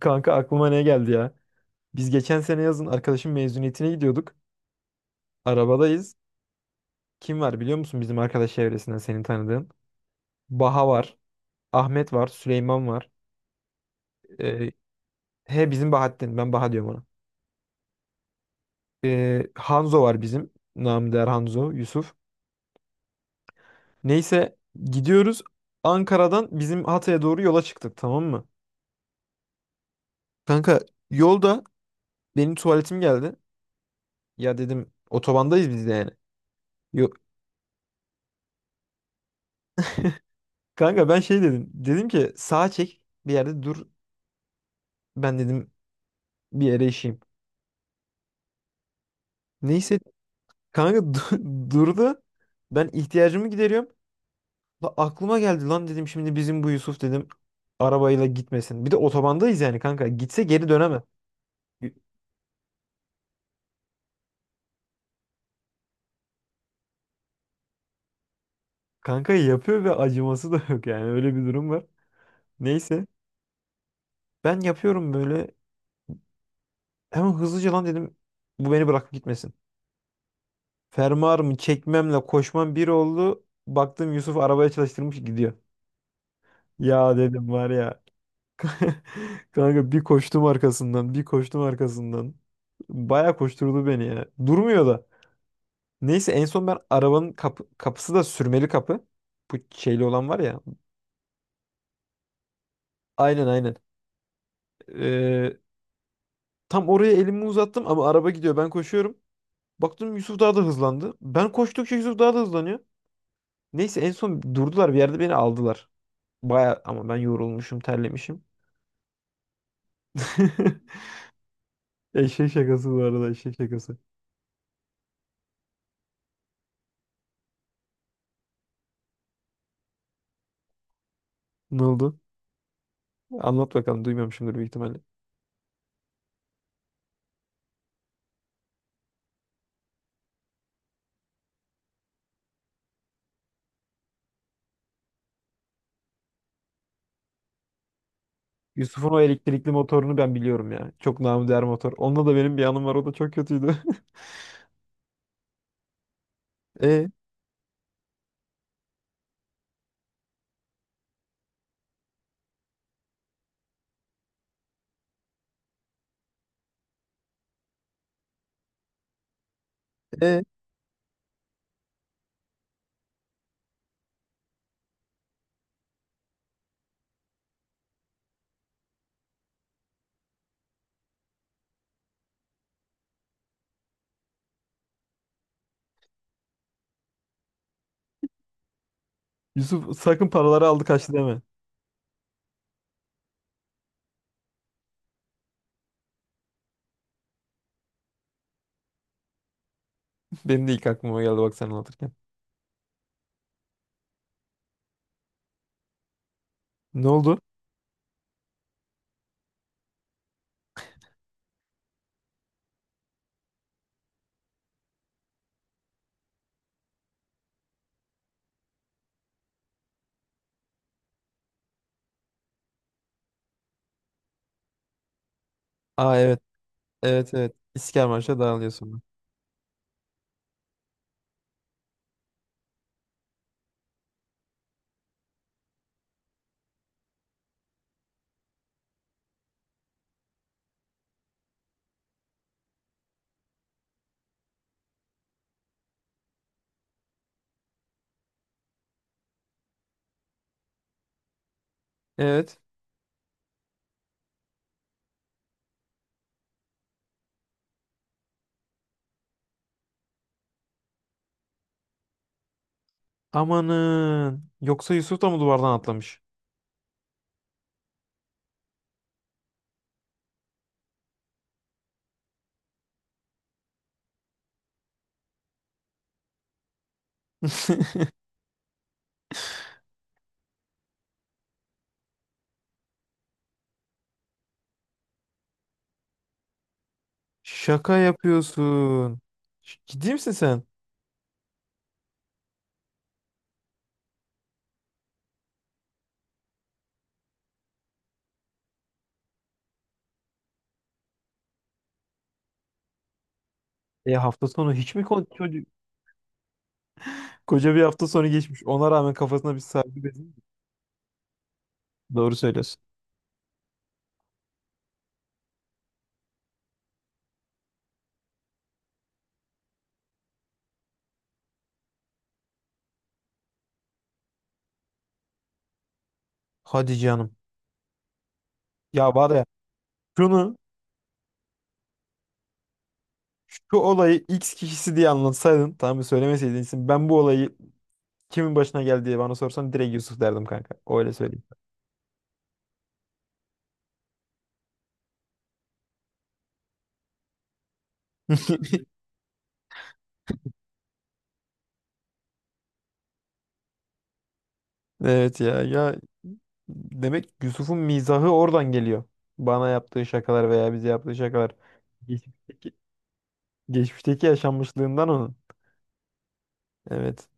Kanka aklıma ne geldi ya? Biz geçen sene yazın arkadaşın mezuniyetine gidiyorduk. Arabadayız. Kim var biliyor musun bizim arkadaş çevresinden senin tanıdığın? Baha var. Ahmet var. Süleyman var. Ee, he bizim Bahattin. Ben Baha diyorum ona. Hanzo var bizim. Namı değer Hanzo. Yusuf. Neyse gidiyoruz. Ankara'dan bizim Hatay'a doğru yola çıktık, tamam mı? Kanka yolda benim tuvaletim geldi. Ya dedim otobandayız biz de yani. Yok. Kanka ben şey dedim. Dedim ki sağa çek bir yerde dur. Ben dedim bir yere işeyim. Neyse kanka durdu. Ben ihtiyacımı gideriyorum. La aklıma geldi, lan dedim şimdi bizim bu Yusuf dedim arabayla gitmesin. Bir de otobandayız yani kanka. Gitse geri dönemez. Kanka yapıyor ve acıması da yok yani, öyle bir durum var. Neyse ben yapıyorum böyle, hemen hızlıca lan dedim bu beni bırakıp gitmesin. Fermuarımı çekmemle koşmam bir oldu. Baktım Yusuf arabaya çalıştırmış gidiyor. Ya dedim var ya. Kanka bir koştum arkasından, bir koştum arkasından. Baya koşturdu beni ya. Durmuyor da. Neyse en son ben arabanın kapı, kapısı da sürmeli kapı. Bu şeyli olan var ya. Aynen aynen. Ee, Tam oraya elimi uzattım ama araba gidiyor. Ben koşuyorum. Baktım Yusuf daha da hızlandı. Ben koştukça Yusuf daha da hızlanıyor. Neyse en son durdular bir yerde, beni aldılar. Baya ama ben yorulmuşum, terlemişim. Eşek şakası bu arada, eşek şakası. Ne oldu? Anlat bakalım, duymamışımdır büyük ihtimalle. Yusuf'un o elektrikli motorunu ben biliyorum ya. Çok namıdiğer motor. Onunla da benim bir anım var. O da çok kötüydü. E, e. Yusuf sakın paraları aldı kaçtı deme. Benim de ilk aklıma geldi, bak sen anlatırken. Ne oldu? Aa evet. Evet evet. İsker Marş'a dağılıyor sonra. Evet. Amanın. Yoksa Yusuf da mı duvardan atlamış? Şaka yapıyorsun. Ciddi misin sen? E hafta sonu hiç mi çocuk? Koca bir hafta sonu geçmiş. Ona rağmen kafasına bir sargı bezi. Doğru söylüyorsun. Hadi canım. Ya var ya. Şunu, şu olayı X kişisi diye anlatsaydın, tamam mı, söylemeseydin isim, ben bu olayı kimin başına geldi diye bana sorsan direkt Yusuf derdim kanka. Öyle söyleyeyim. Evet ya ya, demek Yusuf'un mizahı oradan geliyor. Bana yaptığı şakalar veya bize yaptığı şakalar. Geçmişteki, geçmişteki yaşanmışlığından onun. Evet.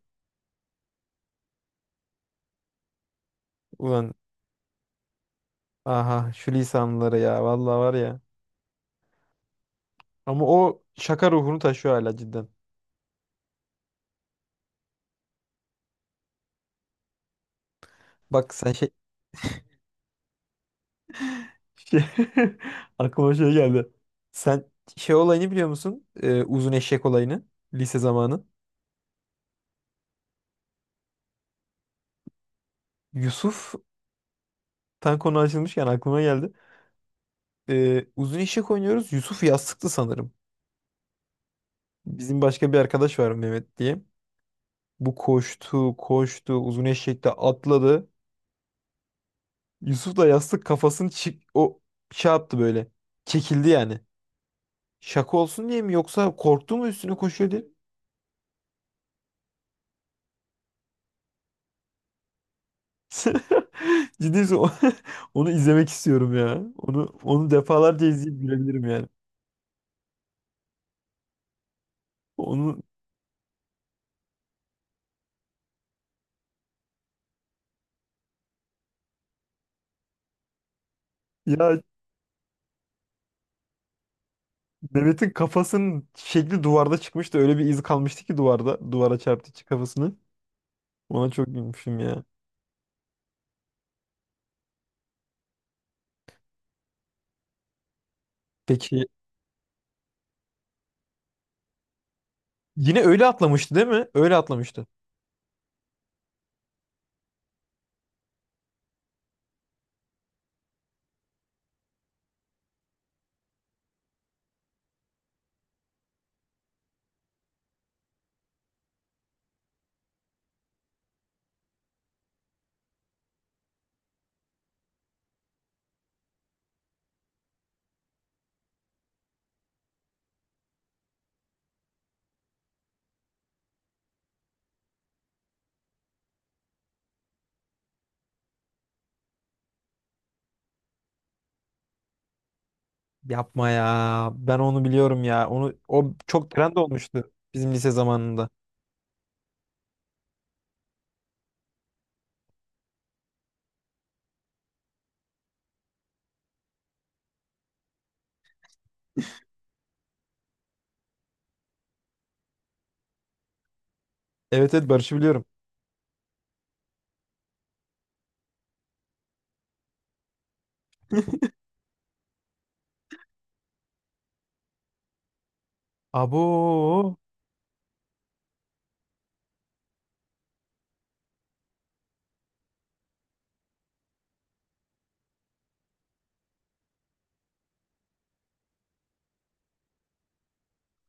Ulan aha şu lisanları ya, vallahi var ya. Ama o şaka ruhunu taşıyor hala cidden. Bak sen şey. Şey, aklıma şey geldi. Sen şey olayını biliyor musun? Uzun eşek olayını. Lise zamanı. Yusuf, tam konu açılmışken aklıma geldi. Uzun eşek oynuyoruz. Yusuf yastıktı sanırım. Bizim başka bir arkadaş var Mehmet diye. Bu koştu, koştu, uzun eşekte atladı. Yusuf da yastık kafasını o şey yaptı böyle. Çekildi yani. Şaka olsun diye mi, yoksa korktu mu üstüne koşuyordu? Ciddi misin? Onu izlemek istiyorum ya. Onu, onu defalarca izleyip gülebilirim yani. Onu ya. Mehmet'in kafasının şekli duvarda çıkmıştı. Öyle bir iz kalmıştı ki duvarda. Duvara çarptı içi kafasını. Ona çok gülmüşüm ya. Peki yine öyle atlamıştı değil mi? Öyle atlamıştı. Yapma ya. Ben onu biliyorum ya. Onu o çok trend olmuştu bizim lise zamanında. Evet evet, Barış'ı biliyorum. Abo.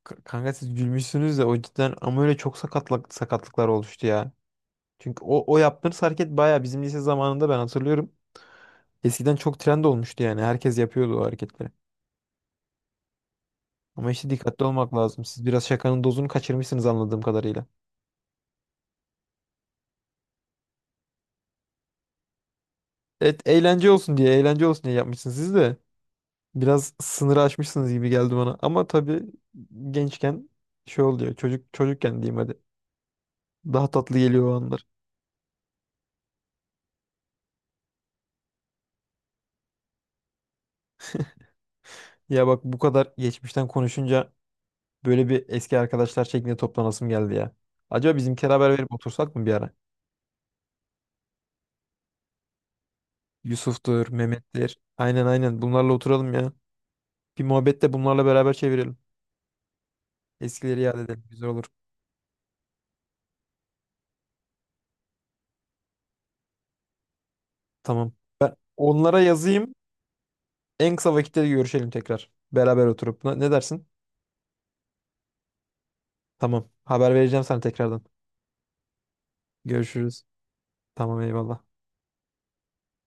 Kanka siz gülmüşsünüz de o cidden ama öyle çok sakatlık, sakatlıklar oluştu ya. Çünkü o yaptığınız hareket bayağı bizim lise zamanında ben hatırlıyorum. Eskiden çok trend olmuştu yani. Herkes yapıyordu o hareketleri. Ama işte dikkatli olmak lazım. Siz biraz şakanın dozunu kaçırmışsınız anladığım kadarıyla. Evet eğlence olsun diye, eğlence olsun diye yapmışsınız siz de. Biraz sınırı aşmışsınız gibi geldi bana. Ama tabii gençken şey oluyor. Çocuk çocukken diyeyim hadi. Daha tatlı geliyor o anlar. Ya bak, bu kadar geçmişten konuşunca böyle bir eski arkadaşlar şeklinde toplanasım geldi ya. Acaba bizimkiler haber verip otursak mı bir ara? Yusuf'tur, Mehmet'tir. Aynen aynen. Bunlarla oturalım ya. Bir muhabbet de bunlarla beraber çevirelim. Eskileri yad edelim. Güzel olur. Tamam. Onlara yazayım. En kısa vakitte görüşelim tekrar. Beraber oturup. Ne, ne dersin? Tamam. Haber vereceğim sana tekrardan. Görüşürüz. Tamam eyvallah.